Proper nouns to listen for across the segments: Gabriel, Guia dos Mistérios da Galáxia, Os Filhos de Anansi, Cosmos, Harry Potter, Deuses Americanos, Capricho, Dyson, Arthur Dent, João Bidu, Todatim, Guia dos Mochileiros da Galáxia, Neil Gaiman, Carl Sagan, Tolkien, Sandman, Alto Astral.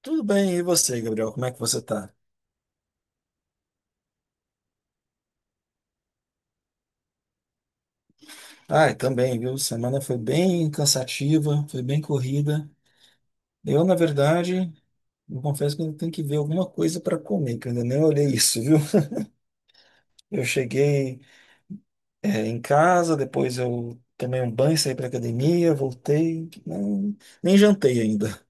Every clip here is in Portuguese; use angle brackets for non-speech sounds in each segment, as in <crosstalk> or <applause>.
Tudo bem, e você, Gabriel? Como é que você tá? Ai, também, viu? Semana foi bem cansativa, foi bem corrida. Eu, na verdade, eu confesso que eu tenho que ver alguma coisa para comer, que eu ainda nem olhei isso, viu? Eu cheguei, em casa, depois eu tomei um banho, saí para academia, voltei, não, nem jantei ainda.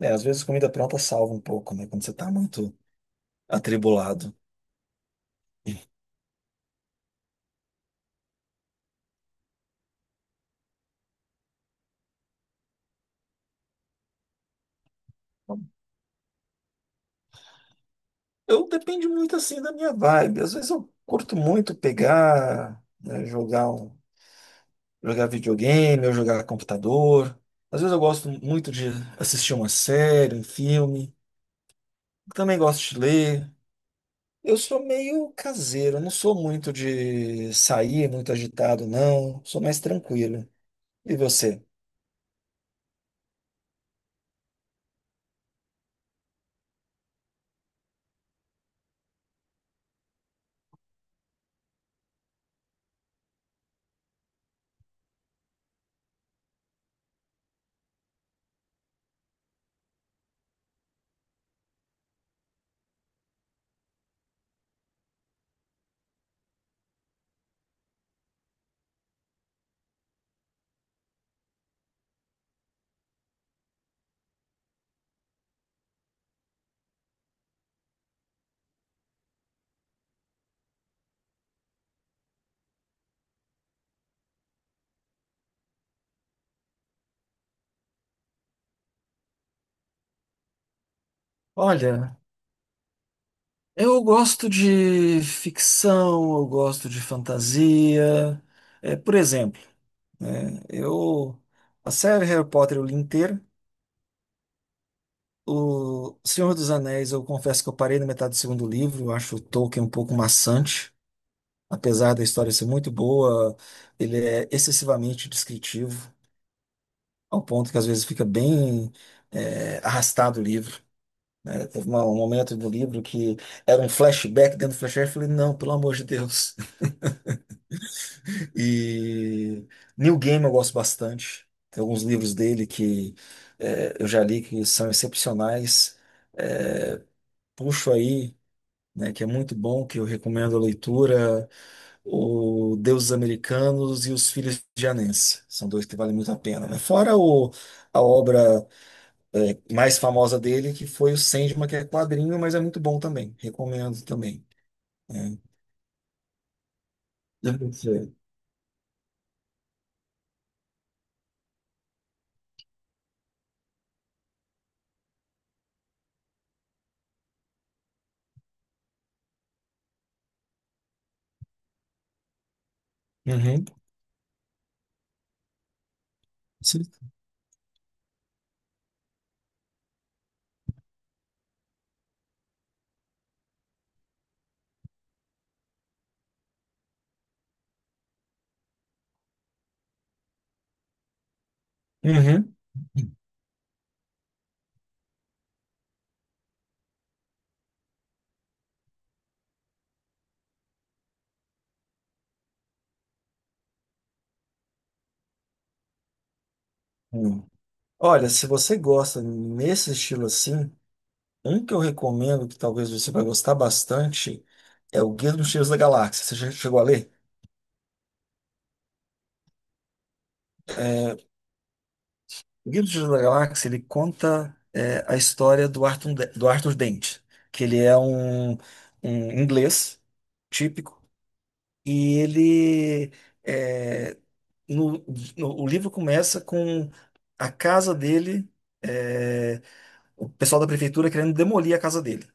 É, às vezes comida pronta salva um pouco, né? Quando você tá muito atribulado. Eu depende muito, assim, da minha vibe. Às vezes eu curto muito pegar, né, jogar um jogar videogame, ou jogar computador. Às vezes eu gosto muito de assistir uma série, um filme. Também gosto de ler. Eu sou meio caseiro, eu não sou muito de sair muito agitado, não. Sou mais tranquilo. E você? Olha, eu gosto de ficção, eu gosto de fantasia. Por exemplo, né, eu a série Harry Potter eu li inteira. O Senhor dos Anéis, eu confesso que eu parei na metade do segundo livro, eu acho o Tolkien um pouco maçante, apesar da história ser muito boa, ele é excessivamente descritivo, ao ponto que às vezes fica bem arrastado o livro, né? Um momento do livro que era um flashback dentro do flashback. Eu falei, não, pelo amor de Deus. <laughs> E Neil Gaiman eu gosto bastante, tem alguns livros dele que eu já li que são excepcionais. Puxo aí, né, que é muito bom, que eu recomendo a leitura, o Deuses Americanos e Os Filhos de Anansi. São dois que valem muito a pena, né? Fora o, a obra mais famosa dele, que foi o Sandman, que é quadrinho, mas é muito bom também. Recomendo também. Deve ser. Uhum. Sim. Uhum. Hum. Olha, se você gosta nesse estilo assim, um que eu recomendo, que talvez você vai gostar bastante, é o Guia dos Mochileiros da Galáxia. Você já chegou a ler? O Guia do Mochileiro da Galáxia, ele conta a história do Arthur, do Arthur Dent, que ele é um, um inglês típico, e ele é, no, o livro começa com a casa dele, é, o pessoal da prefeitura querendo demolir a casa dele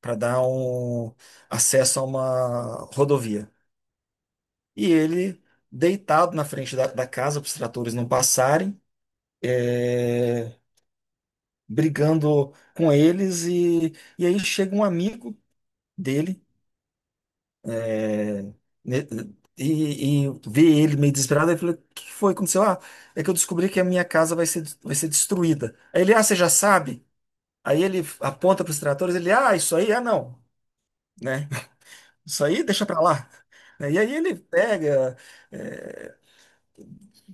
para dar um acesso a uma rodovia. E ele, deitado na frente da, da casa para os tratores não passarem, é, brigando com eles, e aí chega um amigo dele, né, e vê ele meio desesperado e fala, o que foi? Que aconteceu? Ah, é que eu descobri que a minha casa vai ser destruída. Aí ele, ah, você já sabe? Aí ele aponta para os tratores, ele, ah, isso aí, ah, não, né? Isso aí deixa para lá, né? E aí ele pega, é,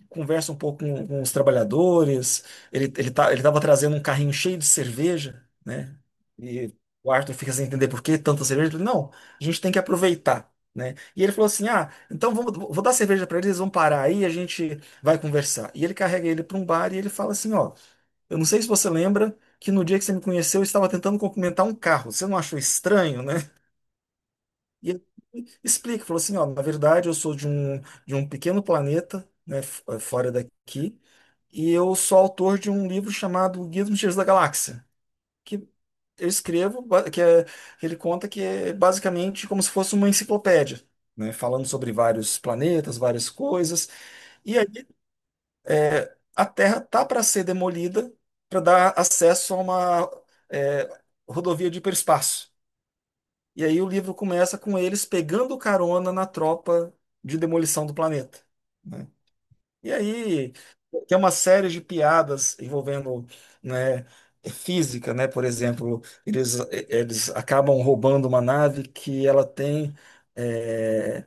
conversa um pouco com os trabalhadores. Ele tava trazendo um carrinho cheio de cerveja, né? E o Arthur fica sem entender por que tanta cerveja. Ele, não, a gente tem que aproveitar, né? E ele falou assim: Ah, então vamos, vou dar cerveja para eles, eles vão parar aí, a gente vai conversar. E ele carrega ele para um bar e ele fala assim: Ó, eu não sei se você lembra que no dia que você me conheceu, eu estava tentando cumprimentar um carro. Você não achou estranho, né? E ele explica, falou assim, ó, na verdade eu sou de um pequeno planeta, né, fora daqui, e eu sou autor de um livro chamado Guia dos Mistérios da Galáxia, que eu escrevo, que é, que ele conta que é basicamente como se fosse uma enciclopédia, né, falando sobre vários planetas, várias coisas, e aí a Terra tá para ser demolida para dar acesso a uma eh, rodovia de hiperespaço. E aí o livro começa com eles pegando carona na tropa de demolição do planeta, né? E aí tem uma série de piadas envolvendo, né, é física, né? Por exemplo, eles acabam roubando uma nave que ela tem, é,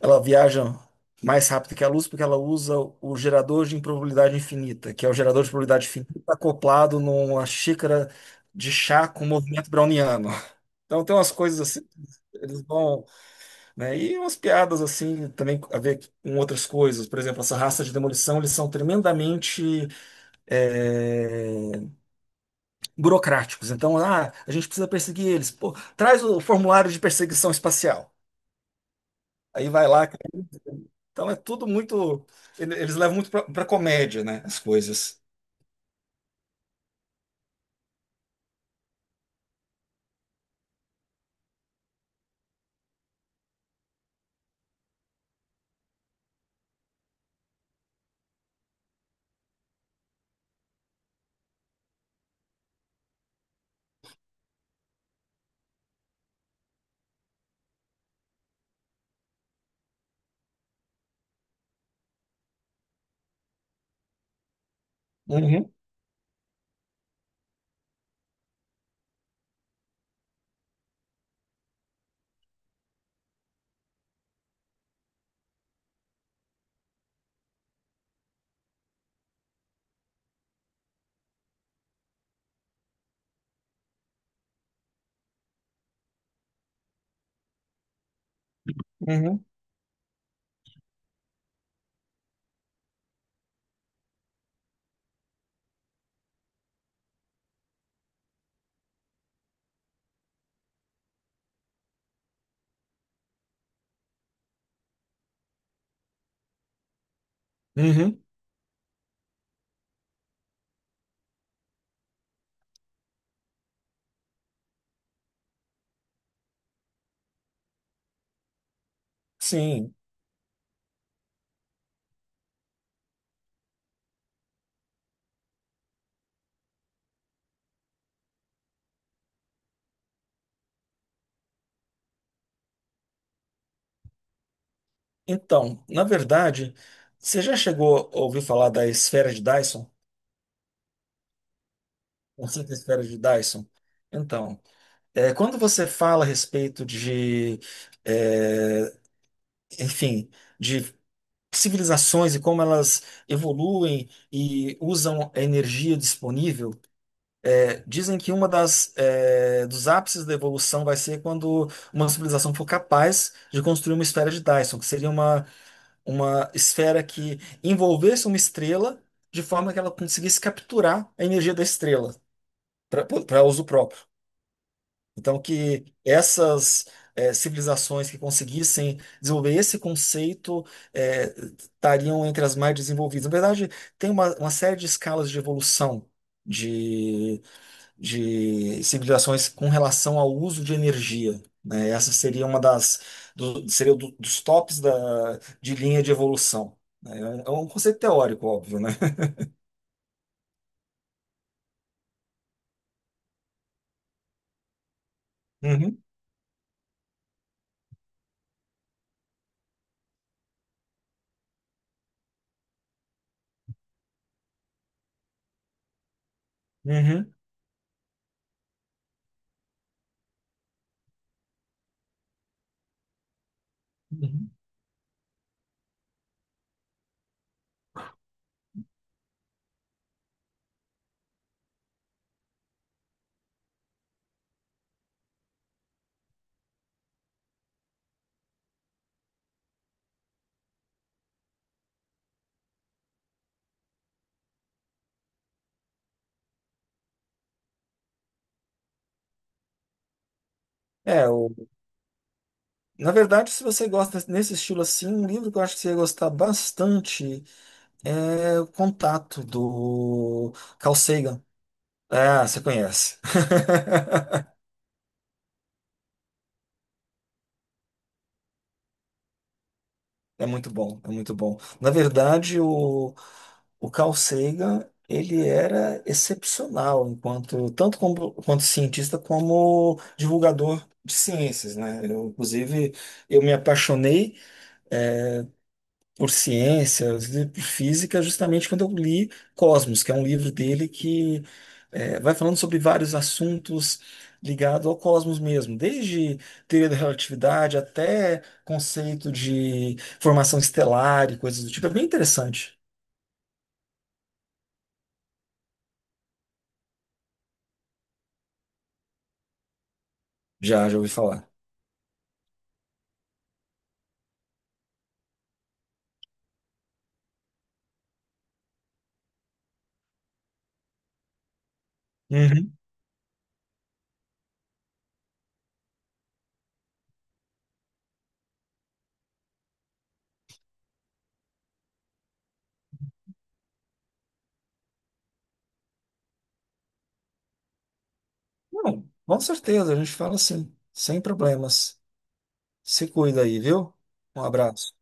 ela viaja mais rápido que a luz porque ela usa o gerador de improbabilidade infinita, que é o gerador de probabilidade infinita acoplado numa xícara de chá com movimento browniano. Então tem umas coisas assim, eles vão, né? E umas piadas assim também a ver com outras coisas. Por exemplo, essa raça de demolição, eles são tremendamente é, burocráticos. Então, ah, a gente precisa perseguir eles. Pô, traz o formulário de perseguição espacial. Aí vai lá. Então é tudo muito. Eles levam muito pra, pra comédia, né? As coisas. Uhum, uhum, uhum. Sim. Então, na verdade, você já chegou a ouvir falar da esfera de Dyson? Conceito de esfera de Dyson. Então, é, quando você fala a respeito de, é, enfim, de civilizações e como elas evoluem e usam a energia disponível, é, dizem que uma das, é, dos ápices da evolução vai ser quando uma civilização for capaz de construir uma esfera de Dyson, que seria uma esfera que envolvesse uma estrela de forma que ela conseguisse capturar a energia da estrela para uso próprio. Então, que essas civilizações que conseguissem desenvolver esse conceito eh, estariam entre as mais desenvolvidas. Na verdade, tem uma série de escalas de evolução de, de civilizações com relação ao uso de energia, né? Essa seria uma das seria dos tops da, de linha de evolução, né? É um conceito teórico, óbvio, né? Uhum, uhum, uhum. É, na verdade, se você gosta nesse estilo assim, um livro que eu acho que você ia gostar bastante é O Contato, do Carl Sagan. Ah, você conhece. <laughs> É muito bom, é muito bom. Na verdade, o Carl Sagan, ele era excepcional enquanto tanto como, quanto cientista como divulgador de ciências, né? Eu, inclusive, eu me apaixonei por ciências e por física, justamente quando eu li Cosmos, que é um livro dele que vai falando sobre vários assuntos ligados ao cosmos mesmo, desde teoria da relatividade até conceito de formação estelar e coisas do tipo. É bem interessante. Já, já ouvi falar. Uhum. Não, com certeza, a gente fala assim, sem problemas. Se cuida aí, viu? Um abraço.